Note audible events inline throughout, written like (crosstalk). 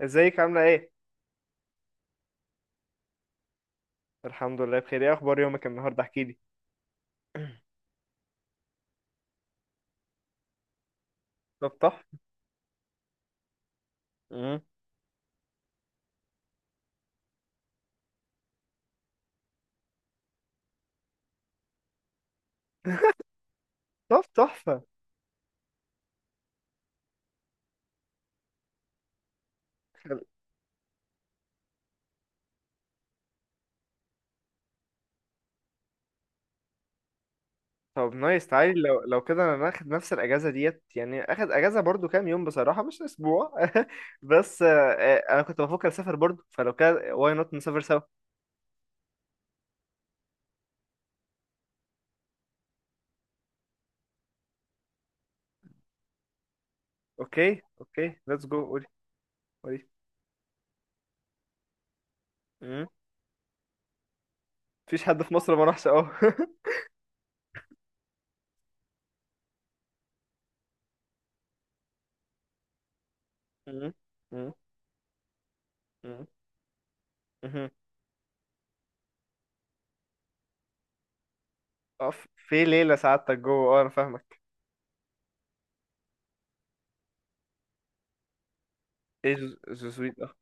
ازيك عاملة ايه؟ الحمد لله بخير، ايه اخبار يومك النهاردة؟ احكي لي. طب تحفة. مم. طب تحفة. خل- طب نايس، تعالي لو كده انا ناخد نفس الاجازة ديت، يعني اخد اجازة برضو كام يوم بصراحة، مش اسبوع (laughs) بس انا كنت بفكر اسافر برضو، فلو كده واي نوت نسافر سوا. اوكي اوكي، ليتس جو، قولي. قولي. مم. مفيش حد في مصر ما راحش، اه (laughs) مم. مم. مم. مهم. اقف في ليلة سعادتك جوه، اه انا فاهمك. ايه جو جو سويت اه.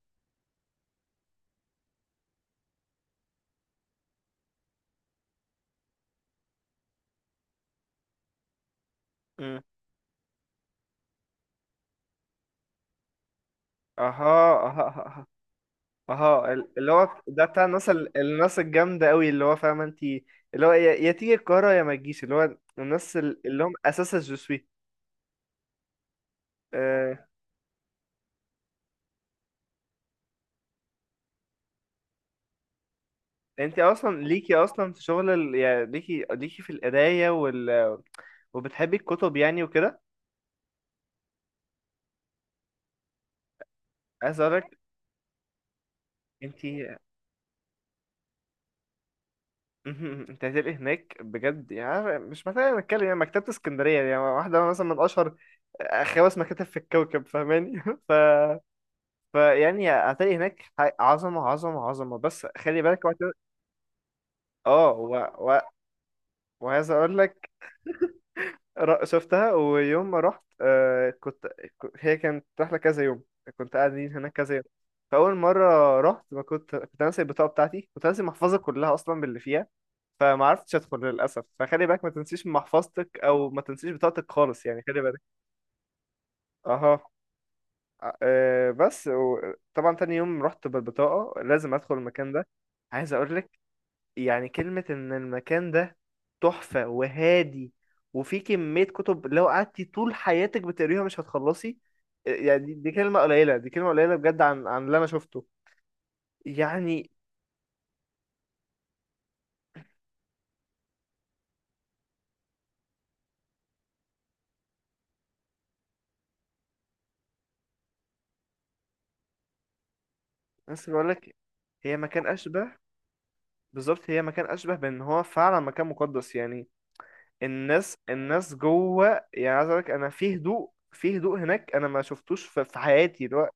مم. اها اها. اه اللي هو ده بتاع الناس الناس الجامدة قوي، اللي هو فاهمة انت. اللي هو يا يا تيجي القاهرة يا ما تجيش، اللي هو الناس اللي هم اساس الجسوي. آه. انت اصلا ليكي اصلا في شغل يعني ليكي في القراية وبتحبي الكتب يعني وكده. عايز اقولك انت (laughs) مهم. انت هتبقي هناك بجد يعني. عارفة، مش محتاجة نتكلم، يعني مكتبة اسكندرية يعني واحدة مثلا من اشهر آه، خمس مكاتب في الكوكب، فاهماني (laughs) ف فيعني هتلاقي هناك عظمة عظمة عظمة، بس خلي بالك وقت. اه و... وعايز اقول لك، شفتها ويوم ما رحت آه كنت هي كانت رحلة كذا يوم، كنت قاعدين هناك كذا يوم. فأول مرة رحت ما كنت، كنت ناسي البطاقة بتاعتي، كنت ناسي المحفظة كلها أصلا باللي فيها، فما عرفتش أدخل للأسف. فخلي بالك ما تنسيش محفظتك أو ما تنسيش بطاقتك خالص، يعني خلي بالك. أها. آه، آه، بس و... طبعا تاني يوم رحت بالبطاقة، لازم أدخل المكان ده. عايز أقول لك يعني، كلمة إن المكان ده تحفة وهادي، وفي كمية كتب لو قعدتي طول حياتك بتقريها مش هتخلصي. يعني دي كلمة قليلة، دي كلمة قليلة بجد عن اللي أنا شفته يعني. بس بقول لك، هي مكان أشبه، بالظبط هي مكان أشبه بإن هو فعلا مكان مقدس يعني. الناس جوه، يعني عايز أقول لك أنا، في هدوء، في هدوء هناك أنا ما شفتوش في حياتي، اللي هو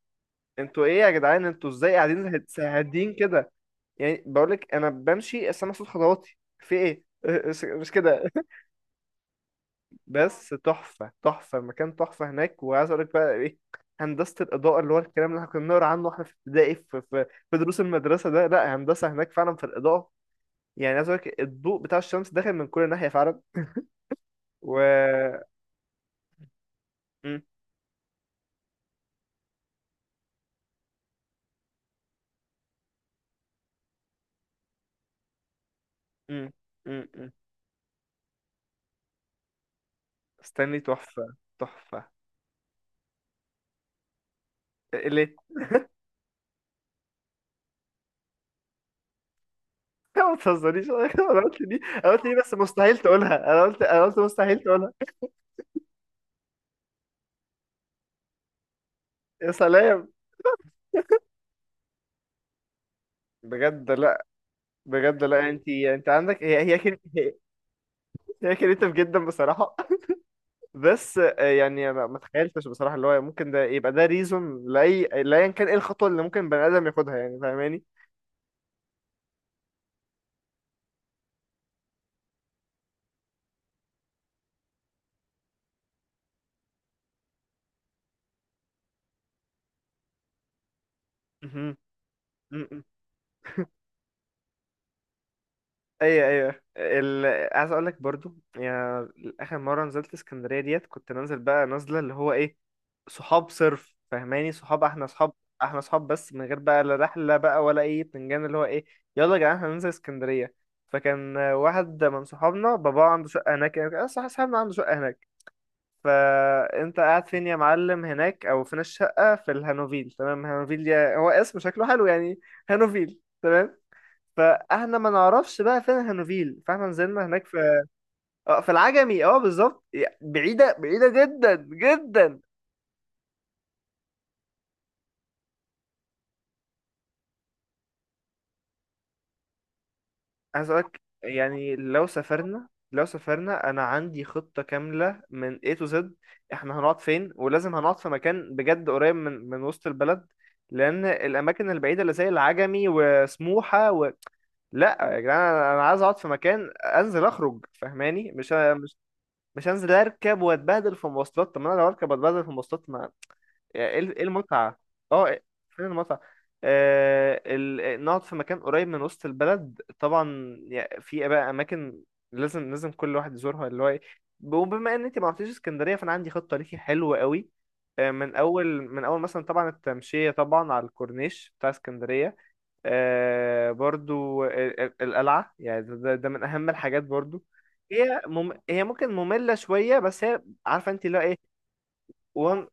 أنتوا إيه يا جدعان، أنتوا إزاي قاعدين هادين كده؟ يعني بقول لك انا بمشي بس انا صوت خطواتي في ايه (laughs) مش كده. بس تحفه تحفه المكان، تحفه هناك. وعايز اقول لك بقى ايه، هندسه الاضاءه، اللي هو الكلام اللي احنا كنا بنقرا عنه واحنا في ابتدائي في دروس المدرسه ده، لا هندسه هناك فعلا في الاضاءه. يعني عايز اقول لك الضوء بتاع الشمس داخل من كل ناحيه فعلا. و م- م- م- م. استني، تحفه تحفه. ليه؟ (laughs) ما تهزرنيش (laughs) انا قلت دي، انا قلت دي، بس مستحيل تقولها. انا قلت، انا قلت مستحيل تقولها. يا سلام. بجد لا. بجد لا، انت انت عندك، هي هي كده. هي كريتيف جدا بصراحه. بس يعني ما تخيلتش بصراحه، اللي هو ممكن ده يبقى ده ريزون لاي لايا، كان ايه الخطوه اللي ممكن بني ادم ياخدها يعني، فاهماني؟ مهم. ايوه ايوه عايز اقول لك برضو يعني، اخر مره نزلت اسكندريه ديت، كنت نازل بقى نازله، اللي هو ايه، صحاب صرف، فاهماني، صحاب، احنا صحاب. احنا صحاب بس من غير بقى لا رحله بقى ولا اي بتنجان، اللي هو ايه، يلا يا جدعان هننزل اسكندريه. فكان واحد من صحابنا باباه عنده شقه هناك، يعني صح، صاحبنا عنده شقه هناك. فانت قاعد فين يا معلم هناك، او فين الشقه؟ في الهانوفيل. تمام، هانوفيل دي هو اسم شكله حلو يعني، هانوفيل. فاحنا ما نعرفش بقى فين هانوفيل، فاحنا نزلنا هناك في، اه في العجمي، اه بالظبط. بعيدة بعيدة جدا جدا. عايز اقولك يعني، لو سافرنا، لو سافرنا انا عندي خطة كاملة من A to Z. احنا هنقعد فين؟ ولازم هنقعد في مكان بجد قريب من وسط البلد، لان الاماكن البعيدة اللي زي العجمي وسموحة لا يا جدعان، أنا عايز اقعد في مكان انزل اخرج، فاهماني، مش هنزل اركب واتبهدل في مواصلات. طب ما انا لو اركب واتبهدل في مواصلات ما، يعني ايه، إيه المتعة؟ اه، فين المتعة؟ نقعد في مكان قريب من وسط البلد، طبعا يعني في بقى اماكن لازم، كل واحد يزورها، اللي هو إيه. وبما ان انت ما رحتيش اسكندرية، فانا عندي خطة ليكي حلوة قوي. من اول، مثلا طبعا التمشية طبعا على الكورنيش بتاع اسكندرية. آه برضو القلعة، يعني ده من اهم الحاجات برضو. هي ممكن مملة شوية، بس هي عارفة انت اللي هو ايه. وان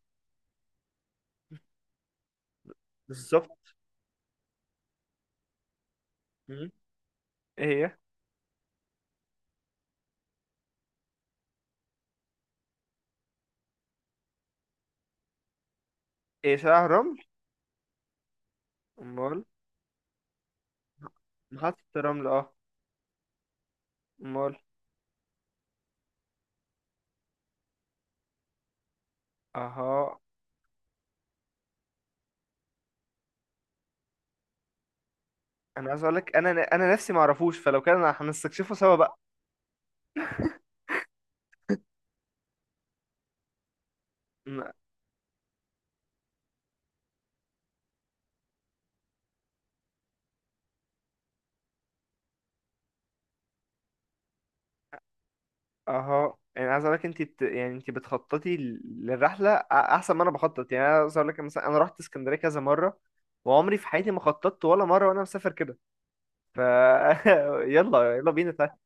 بالظبط. مم. هي، ايه شارع رمل؟ امال. محطة رمل اه. امال. اها، انا عايز اقولك، انا نفسي ما اعرفوش، فلو كان أنا هنستكشفه سوا بقى. م- اها، يعني عايز اقولك انت يعني انت بتخططي للرحله احسن ما انا بخطط، يعني انا عايز اقولك مثلا، انا رحت اسكندريه كذا مره وعمري في حياتي ما خططت ولا مره وانا مسافر كده. ف (laughs) يلا يلا بينا تعالى.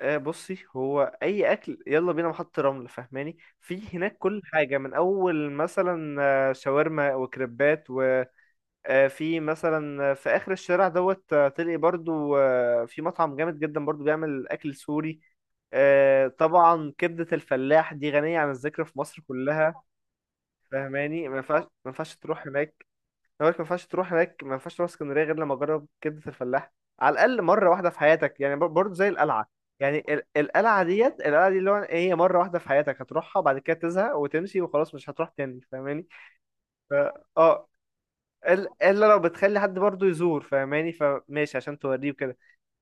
بصي، هو اي اكل، يلا بينا محطة رمل فاهماني، في هناك كل حاجه من اول مثلا شاورما وكريبات. في مثلا في اخر الشارع دوت، تلاقي برضو في مطعم جامد جدا برضو بيعمل اكل سوري. طبعا كبدة الفلاح دي غنية عن الذكر في مصر كلها. فاهماني، ما ينفعش تروح هناك، أنا بقولك ما ينفعش تروح هناك، ما ينفعش تروح اسكندرية غير لما تجرب كبدة الفلاح على الاقل مرة واحدة في حياتك، يعني برضو زي القلعة. يعني القلعة ديت، القلعة دي اللي هو إيه، هي مرة واحدة في حياتك هتروحها، بعد كده تزهق وتمشي وخلاص مش هتروح تاني، فاهماني. ف- اه الا لو بتخلي حد برضو يزور فاهماني، فماشي عشان توريه وكده.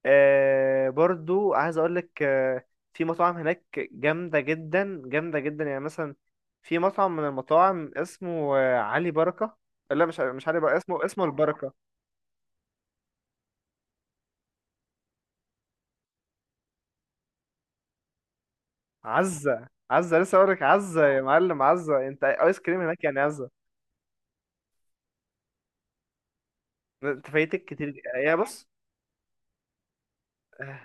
آه برضو عايز اقول لك آه، في مطاعم هناك جامده جدا، جامده جدا، يعني مثلا في مطعم من المطاعم اسمه علي بركه. لا مش مش علي بركه، اسمه اسمه البركه. عزه عزه، لسه اقول لك عزه، يا معلم عزه انت، ايس كريم هناك يعني عزه. انت فايتك كتير. يا بص آه،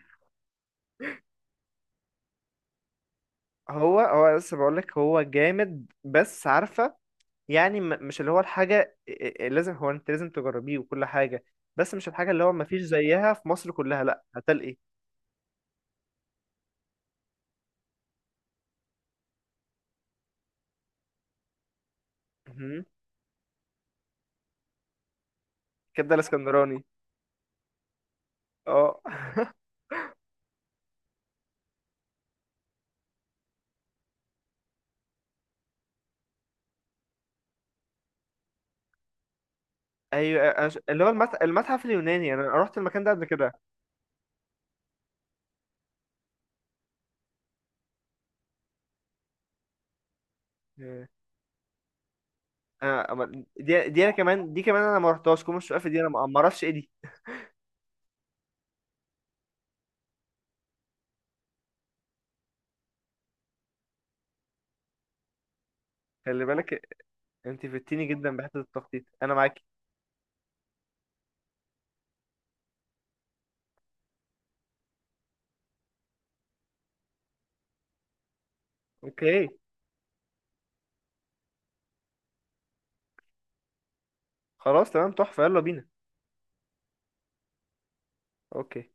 هو هو لسه بقول لك هو جامد، بس عارفه يعني مش اللي هو الحاجة لازم، هو انت لازم تجربيه وكل حاجة، بس مش الحاجة اللي هو مفيش زيها في مصر كلها، لا هتلاقي. مهم. كبدة الاسكندراني اه. ايوه أنا اللي هو المتحف اليوناني، انا رحت المكان ده قبل كده. آه، دي دي انا كمان، دي كمان انا ما رحتهاش، كوم الشقافة دي انا ما اعرفش ايه دي. خلي بالك. انت فدتيني جدا بحته التخطيط، انا معاكي. اوكي. خلاص تمام تحفة يلا بينا. اوكي.